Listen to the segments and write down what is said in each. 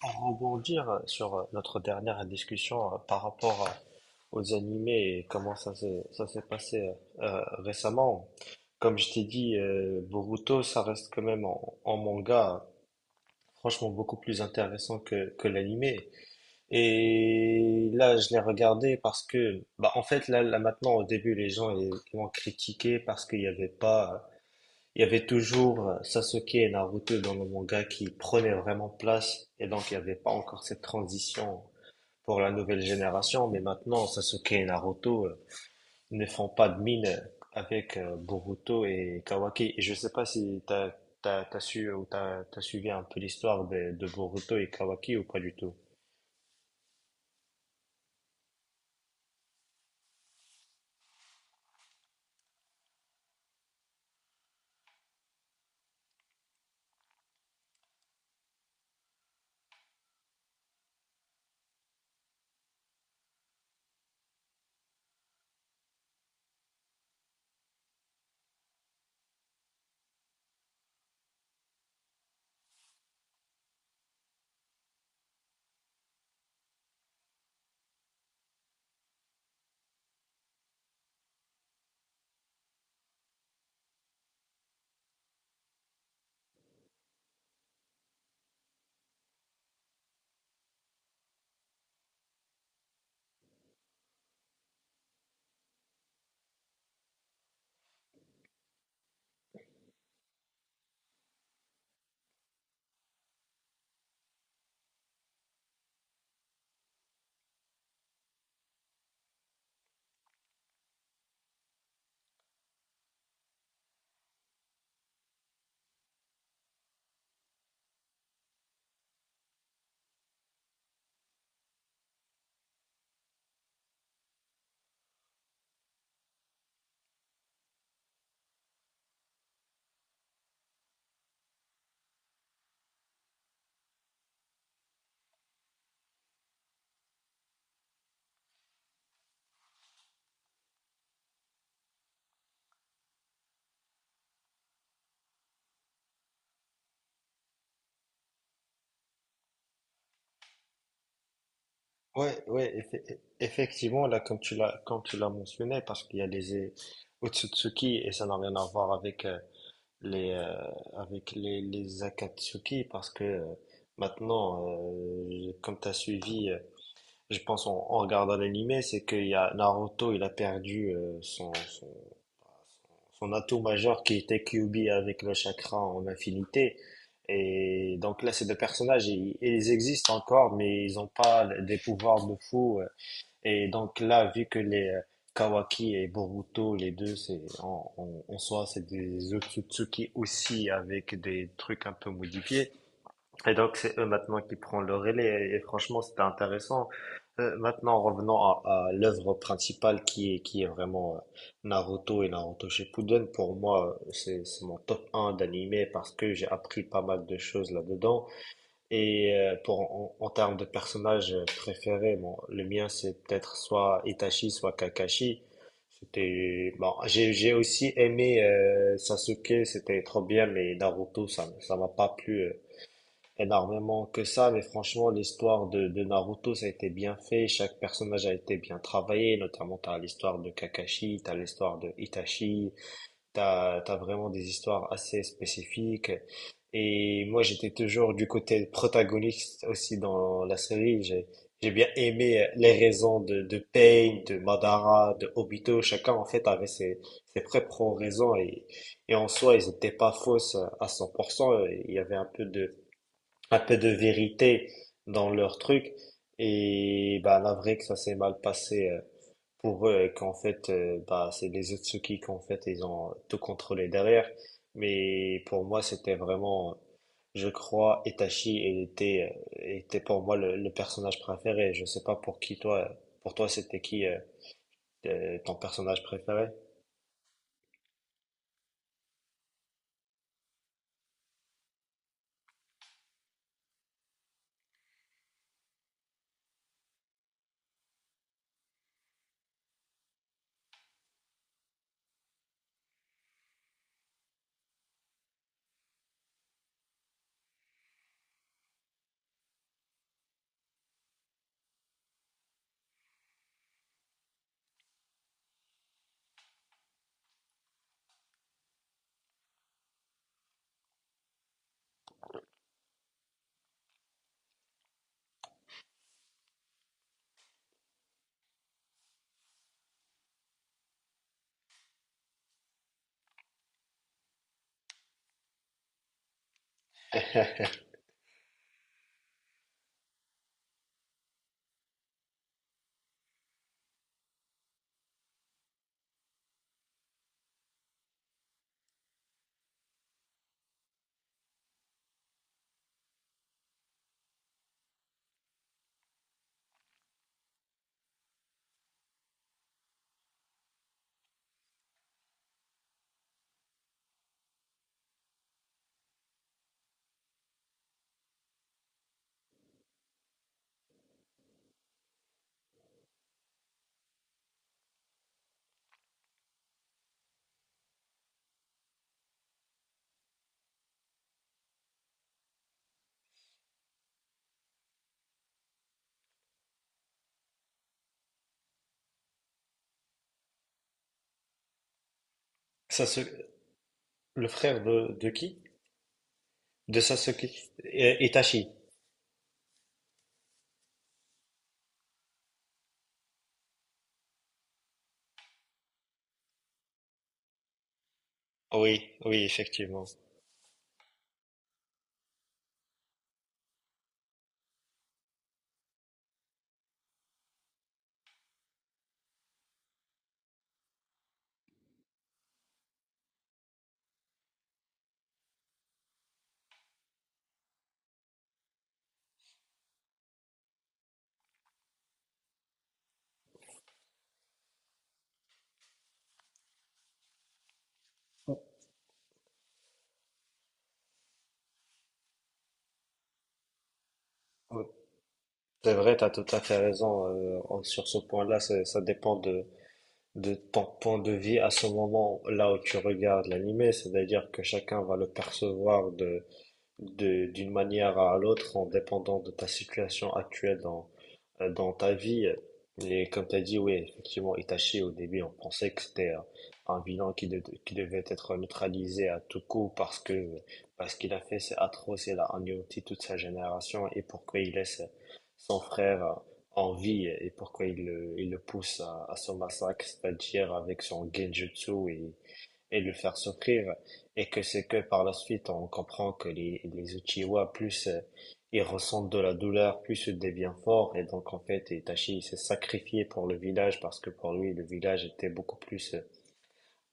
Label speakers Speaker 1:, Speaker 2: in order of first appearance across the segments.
Speaker 1: Pour rebondir sur notre dernière discussion par rapport aux animés et comment ça s'est passé récemment, comme je t'ai dit, Boruto, ça reste quand même en manga franchement beaucoup plus intéressant que l'animé. Et là, je l'ai regardé parce que, bah, en fait, là maintenant, au début, les gens ils m'ont critiqué parce qu'il n'y avait pas il y avait toujours Sasuke et Naruto dans le manga qui prenaient vraiment place et donc il n'y avait pas encore cette transition pour la nouvelle génération, mais maintenant Sasuke et Naruto ne font pas de mine avec Boruto et Kawaki. Et je sais pas si t'as su ou t'as suivi un peu l'histoire de Boruto et Kawaki ou pas du tout. Ouais, ouais, effectivement, là, comme tu l'as mentionné, parce qu'il y a les Otsutsuki et ça n'a rien à voir avec les avec les Akatsuki parce que maintenant comme t'as suivi je pense en regardant l'anime c'est qu'il y a Naruto il a perdu son son atout majeur qui était Kyuubi avec le chakra en infinité et donc là ces deux personnages ils existent encore mais ils n'ont pas des pouvoirs de fou et donc là, vu que les Kawaki et Boruto, les deux, c'est en soi, c'est des Otsutsuki aussi avec des trucs un peu modifiés. Et donc c'est eux maintenant qui prennent le relais. Et franchement, c'était intéressant. Maintenant, revenons à l'œuvre principale qui est vraiment Naruto et Naruto Shippuden. Pour moi, c'est mon top un d'animé parce que j'ai appris pas mal de choses là-dedans. Et pour en termes de personnages préférés, bon, le mien c'est peut-être soit Itachi, soit Kakashi. C'était bon, j'ai aussi aimé Sasuke, c'était trop bien, mais Naruto ça m'a pas plu énormément que ça. Mais franchement, l'histoire de Naruto ça a été bien fait, chaque personnage a été bien travaillé. Notamment t'as l'histoire de Kakashi, t'as l'histoire de Itachi, t'as vraiment des histoires assez spécifiques. Et moi, j'étais toujours du côté protagoniste aussi dans la série. J'ai bien aimé les raisons de Pain, de Madara, de Obito. Chacun, en fait, avait ses propres raisons. Et en soi, ils n'étaient pas fausses à 100%. Il y avait un peu de vérité dans leur truc. Et bah, la vraie que ça s'est mal passé pour eux et qu'en fait, bah, c'est les Otsukis qu'en fait, ils ont tout contrôlé derrière. Mais pour moi, c'était vraiment, je crois, Itachi était, était pour moi le personnage préféré. Je sais pas pour qui toi, pour toi, c'était qui ton personnage préféré? Sasuke, le frère de qui? De Sasuke. Itachi. Oui, oui, effectivement. C'est vrai, tu as tout à fait raison sur ce point-là. Ça dépend de ton point de vue à ce moment-là où tu regardes l'animé, c'est-à-dire que chacun va le percevoir d'une manière à l'autre en dépendant de ta situation actuelle dans ta vie. Et comme tu as dit, oui, effectivement, Itachi, au début, on pensait que c'était un vilain qui devait être neutralisé à tout coup parce qu'il a fait, c'est atroce, il a anéanti toute sa génération et pourquoi il laisse son frère en vie et pourquoi il le pousse à son massacre, c'est-à-dire avec son genjutsu et de le faire souffrir. Et que c'est que par la suite, on comprend que les Uchiwa, plus ils ressentent de la douleur, plus ils deviennent forts. Et donc, en fait, Itachi il s'est sacrifié pour le village parce que pour lui, le village était beaucoup plus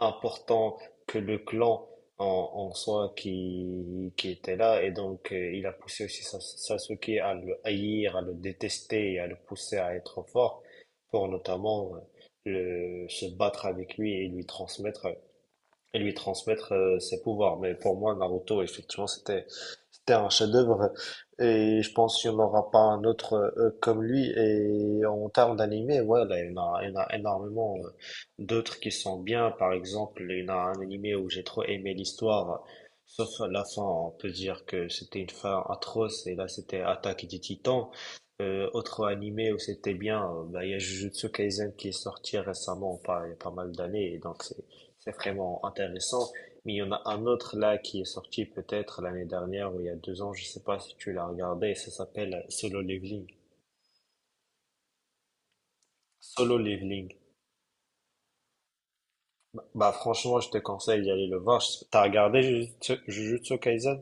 Speaker 1: important que le clan en soi qui était là. Et donc, il a poussé aussi Sasuke à le haïr, à le détester et à le pousser à être fort pour notamment se battre avec lui et lui transmettre ses pouvoirs. Mais pour moi, Naruto, effectivement, c'était un chef-d'œuvre et je pense qu'il n'y en aura pas un autre comme lui. Et en termes d'animé, ouais, là, il y en a énormément d'autres qui sont bien. Par exemple, il y en a un animé où j'ai trop aimé l'histoire, sauf à la fin, on peut dire que c'était une fin atroce et là c'était Attaque des Titans. Autre animé où c'était bien, bah, il y a Jujutsu Kaisen qui est sorti récemment, pas, il y a pas mal d'années, et donc c'est vraiment intéressant. Mais il y en a un autre là qui est sorti peut-être l'année dernière ou il y a 2 ans, je sais pas si tu l'as regardé, ça s'appelle Solo Leveling. Solo Leveling. Bah franchement, je te conseille d'aller le voir. Je- T'as regardé Jujutsu Kaisen?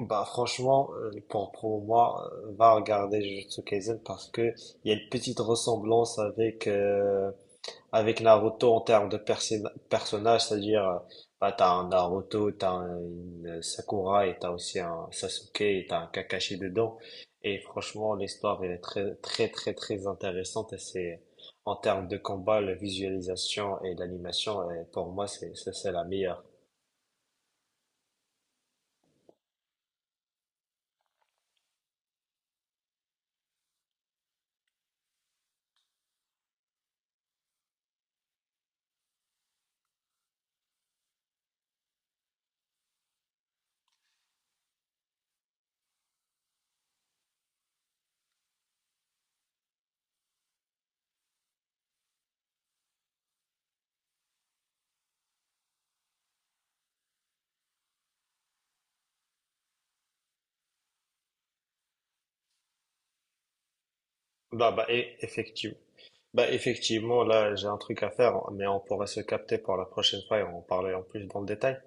Speaker 1: Bah franchement, pour moi, va regarder Jujutsu Kaisen parce que il y a une petite ressemblance avec avec Naruto en termes de personnages, c'est-à-dire bah, t'as un Naruto, t'as un une Sakura et t'as aussi un Sasuke et t'as un Kakashi dedans. Et franchement, l'histoire elle est très très très très intéressante et c'est en termes de combat, la visualisation et l'animation, et pour moi c'est c'est la meilleure. Bah et effectivement. Bah effectivement, là j'ai un truc à faire, mais on pourrait se capter pour la prochaine fois et en parler en plus dans le détail.